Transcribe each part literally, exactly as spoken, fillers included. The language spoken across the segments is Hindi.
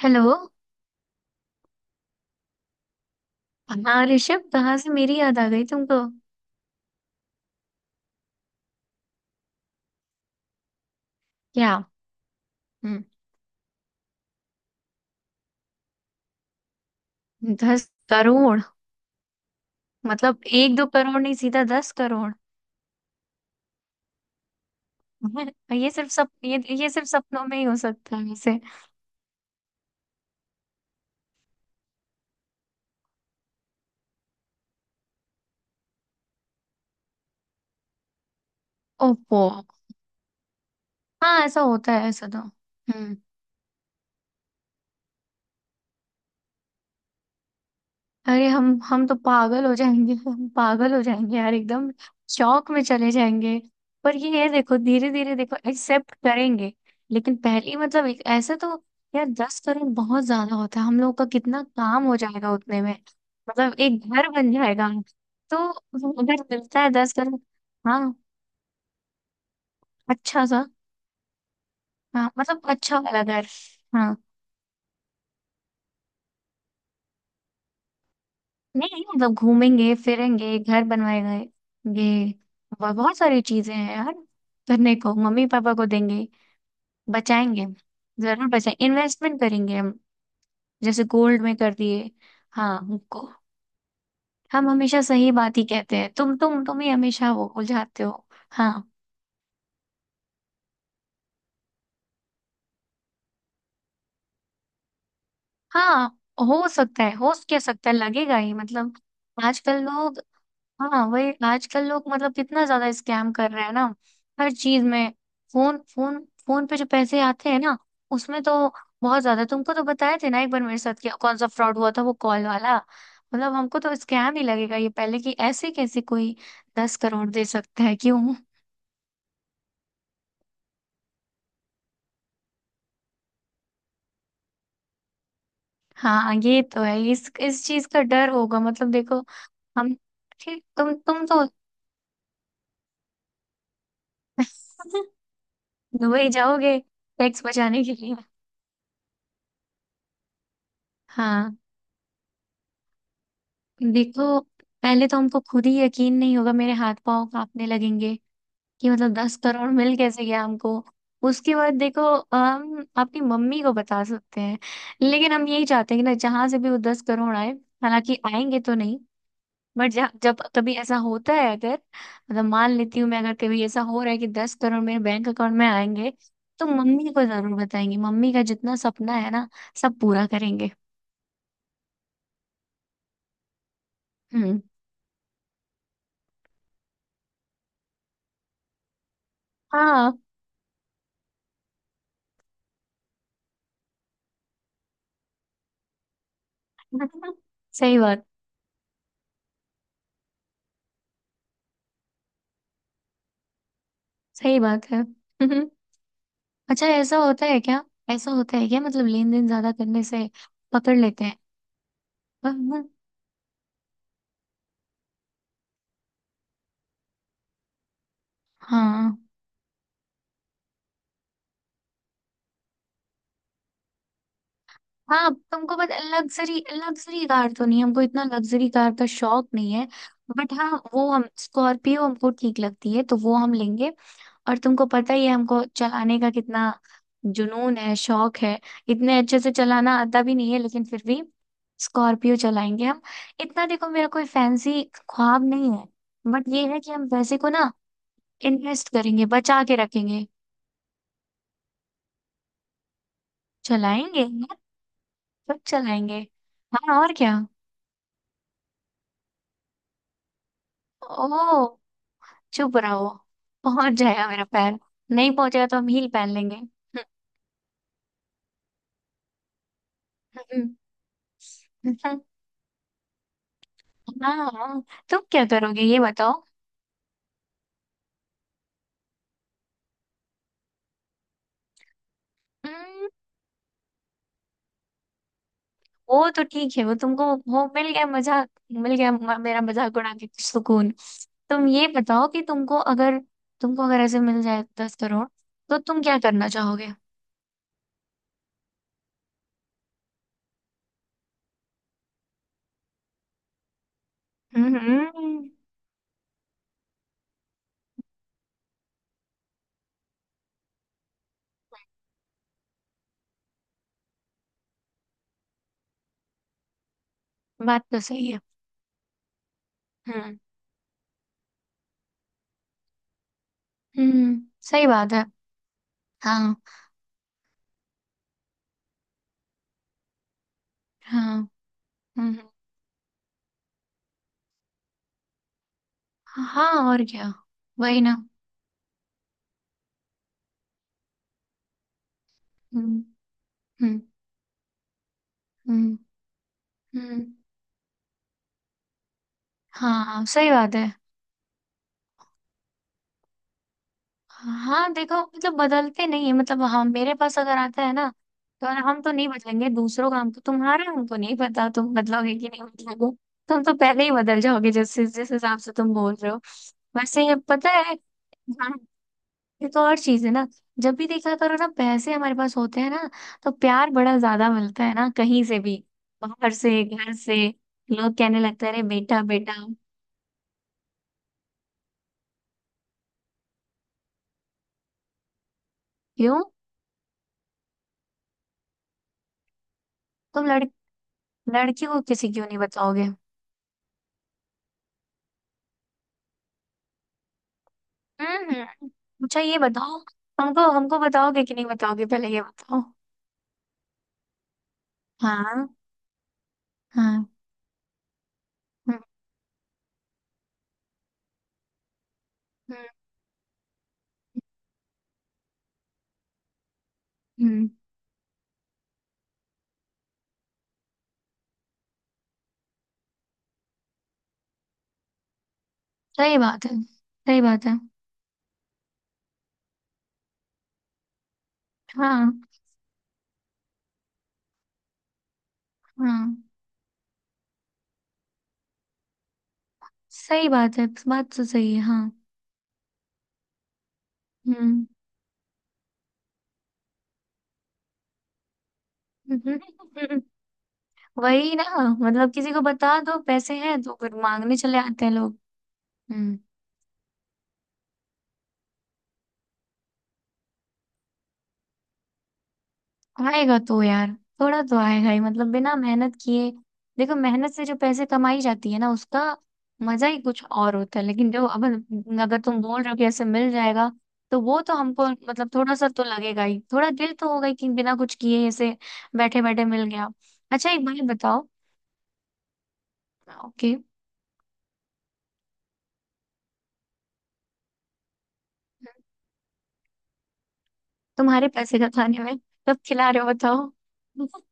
हेलो। हाँ ऋषभ, कहाँ से मेरी याद आ गई तुमको? क्या? हम्म। दस करोड़? मतलब एक दो करोड़ नहीं, सीधा दस करोड़। ये सिर्फ सप ये ये सिर्फ सपनों में ही हो सकता है वैसे। ओप्पो। हाँ, ऐसा होता है, ऐसा तो। हम्म। अरे हम हम तो पागल हो जाएंगे, हम पागल हो जाएंगे यार एकदम। शौक में चले जाएंगे। पर ये है, देखो धीरे धीरे देखो एक्सेप्ट करेंगे। लेकिन पहली मतलब एक- ऐसे तो। यार दस करोड़ बहुत ज्यादा होता है, हम लोग का कितना काम हो जाएगा उतने में। मतलब एक घर बन जाएगा। तो अगर मिलता है दस करोड़। हाँ, अच्छा सा। हाँ मतलब अच्छा वाला घर। हाँ। नहीं मतलब घूमेंगे फिरेंगे, घर बनवाएंगे। ये ब- बहुत सारी चीजें हैं यार करने को, मम्मी पापा को देंगे। बचाएंगे। जरूर बचाएं, इन्वेस्टमेंट करेंगे हम। जैसे गोल्ड में कर दिए। हाँ हमको। हम हमेशा सही बात ही कहते हैं, तुम तुम तुम ही हमेशा वो उलझाते हो। हाँ हाँ। हो सकता है, हो क्या सकता है, लगेगा ही मतलब। आजकल लोग। हाँ, वही आजकल लोग मतलब कितना ज्यादा स्कैम कर रहे हैं ना। हर चीज में। फोन फोन फोन पे जो पैसे आते हैं ना उसमें तो बहुत ज्यादा। तुमको तो बताए थे ना एक बार, मेरे साथ क्या कौन सा फ्रॉड हुआ था, वो कॉल वाला। मतलब हमको तो स्कैम ही लगेगा ये पहले, कि ऐसे कैसे कोई दस करोड़ दे सकता है, क्यों? हाँ ये तो है, इस इस चीज का डर होगा मतलब देखो। हम। ठीक, तुम तुम तो। दुबई जाओगे, टैक्स बचाने के लिए? हाँ देखो, पहले तो हमको खुद ही यकीन नहीं होगा, मेरे हाथ पांव कांपने लगेंगे कि मतलब दस करोड़ मिल कैसे गया हमको। उसके बाद देखो, हम अपनी मम्मी को बता सकते हैं। लेकिन हम यही चाहते हैं कि ना जहां से भी वो दस करोड़ आए, हालांकि आएंगे तो नहीं। बट जब कभी ऐसा होता है, अगर मतलब मान लेती हूँ मैं, अगर कभी ऐसा हो रहा है कि दस करोड़ मेरे बैंक अकाउंट में आएंगे, तो मम्मी को जरूर बताएंगे। मम्मी का जितना सपना है ना, सब पूरा करेंगे। हम्म। हाँ। सही बात सही बात है। अच्छा, ऐसा होता है क्या? ऐसा होता है क्या, मतलब लेन देन ज्यादा करने से पकड़ लेते हैं? पर- हाँ। हाँ, तुमको पता, लग्जरी लग्जरी कार तो नहीं, हमको इतना लग्जरी कार का शौक नहीं है। बट हाँ वो, हम स्कॉर्पियो हमको ठीक लगती है तो वो हम लेंगे। और तुमको पता ही है, हमको चलाने का कितना जुनून है, शौक है। इतने अच्छे से चलाना आता भी नहीं है, लेकिन फिर भी स्कॉर्पियो चलाएंगे हम। इतना देखो, मेरा कोई फैंसी ख्वाब नहीं है। बट ये है कि हम पैसे को ना इन्वेस्ट करेंगे, बचा के रखेंगे। चलाएंगे यार। सब चलाएंगे। हाँ, और क्या। ओ चुप रहो। पहुंच जाएगा मेरा पैर। नहीं पहुंचेगा तो हम हील पहन लेंगे। हाँ। तुम क्या करोगे, ये बताओ। हम्म, वो तो ठीक है वो, तुमको वो मिल गया मजाक, मिल गया म- मेरा मजाक उड़ा के कुछ सुकून। तुम ये बताओ कि तुमको अगर तुमको अगर ऐसे मिल जाए दस करोड़, तो तुम क्या करना चाहोगे? हम्म। बात तो सही है। हम्म हम्म। सही बात है। हाँ। हाँ हम्म। हाँ, और क्या। वही ना। हम्म। हम्म। हम्म। हम्म। हाँ, सही बात है। हाँ देखो, मतलब बदलते नहीं है मतलब, हम मेरे पास अगर आता है ना तो हम तो नहीं बदलेंगे, दूसरों का हमको, तुम्हारा हमको नहीं पता, तुम बदलोगे कि नहीं बदलोगे। तुम तो पहले ही बदल जाओगे, जैसे जिस हिसाब से तुम बोल रहे हो। वैसे, ये पता है। हाँ। ये तो और चीज है ना। जब भी देखा करो ना, पैसे हमारे पास होते हैं ना तो प्यार बड़ा ज्यादा मिलता है ना, कहीं से भी। बाहर से, घर से, लोग कहने लगते हैं अरे बेटा बेटा। क्यों? तुम लड़ लड़की को किसी क्यों नहीं बताओगे? हम्म। अच्छा ये बताओ। हमको हमको बताओगे कि नहीं बताओगे, पहले ये बताओ। हाँ। हाँ। हम्म। हम्म। हम्म, सही बात है, सही बात है। हाँ। हाँ, सही बात है, बात तो सही है, हाँ। हम्म। हम्म। वही ना। मतलब किसी को बता दो पैसे हैं तो फिर मांगने चले आते हैं लोग। हम्म। आएगा तो यार, थोड़ा तो आएगा ही, मतलब बिना मेहनत किए। देखो, मेहनत से जो पैसे कमाई जाती है ना, उसका मजा ही कुछ और होता है। लेकिन जो अब, अगर तुम बोल रहे हो कि ऐसे मिल जाएगा, तो वो तो हमको मतलब थोड़ा सा तो लगेगा ही, थोड़ा दिल तो होगा ही कि बिना कुछ किए ऐसे बैठे बैठे मिल गया। अच्छा एक बात बताओ। ओके। तुम्हारे पैसे का खाने में कब खिला रहे हो, बताओ?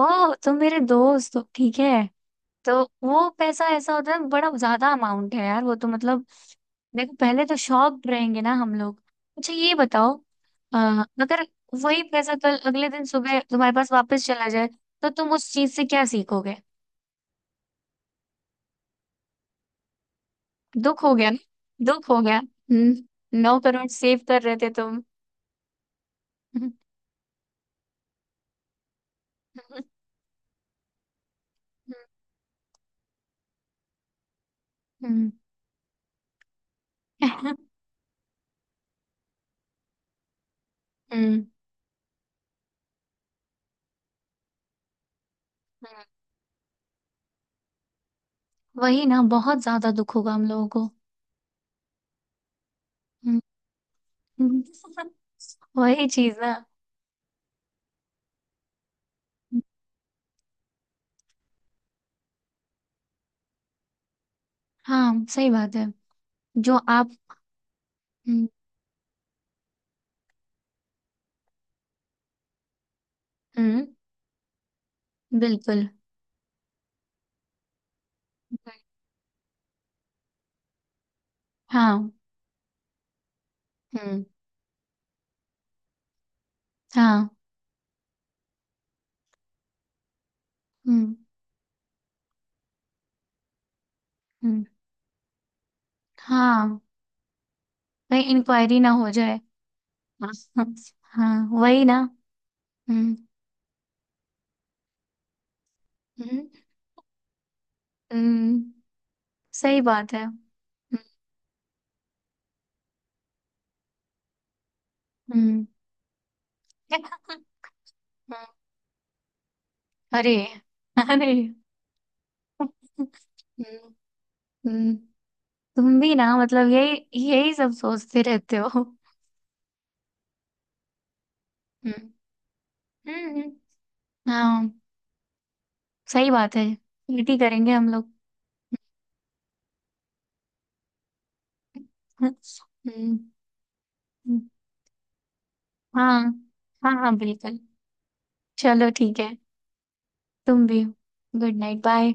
ओ, तुम मेरे दोस्त हो, ठीक है। तो वो पैसा ऐसा होता है, बड़ा ज्यादा अमाउंट है यार वो तो मतलब, देखो पहले तो शॉप रहेंगे ना हम लोग। अच्छा ये बताओ। अ, अगर वही पैसा कल अगले दिन सुबह तुम्हारे पास वापस चला जाए, तो तुम उस चीज से क्या सीखोगे? दुख हो गया ना। दुख हो गया, हम्म नौ करोड़ सेव कर रहे थे तुम। हम्म हम्म, हम्म, वही ना, बहुत ज्यादा दुख होगा हम लोगों को। हम्म, वही चीज ना। हाँ, सही बात है। जो आप। हम्म। हम्म। बिल्कुल। हाँ। हम्म। हाँ। हम्म। हम्म। हाँ भाई, इंक्वायरी ना हो जाए। हाँ। हाँ, वही ना। हम्म। हम्म। हम्म, सही बात है। हम्म। हम्म, अरे। अरे। हम्म। हम्म, तुम भी ना मतलब, यही यही सब सोचते रहते हो। हम्म। हम्म। हम्म। हाँ, सही बात है, पीटी करेंगे हम लोग। हम्म। हम्म। हाँ। हाँ हाँ, बिल्कुल। चलो ठीक है। तुम भी। Good night. बाय।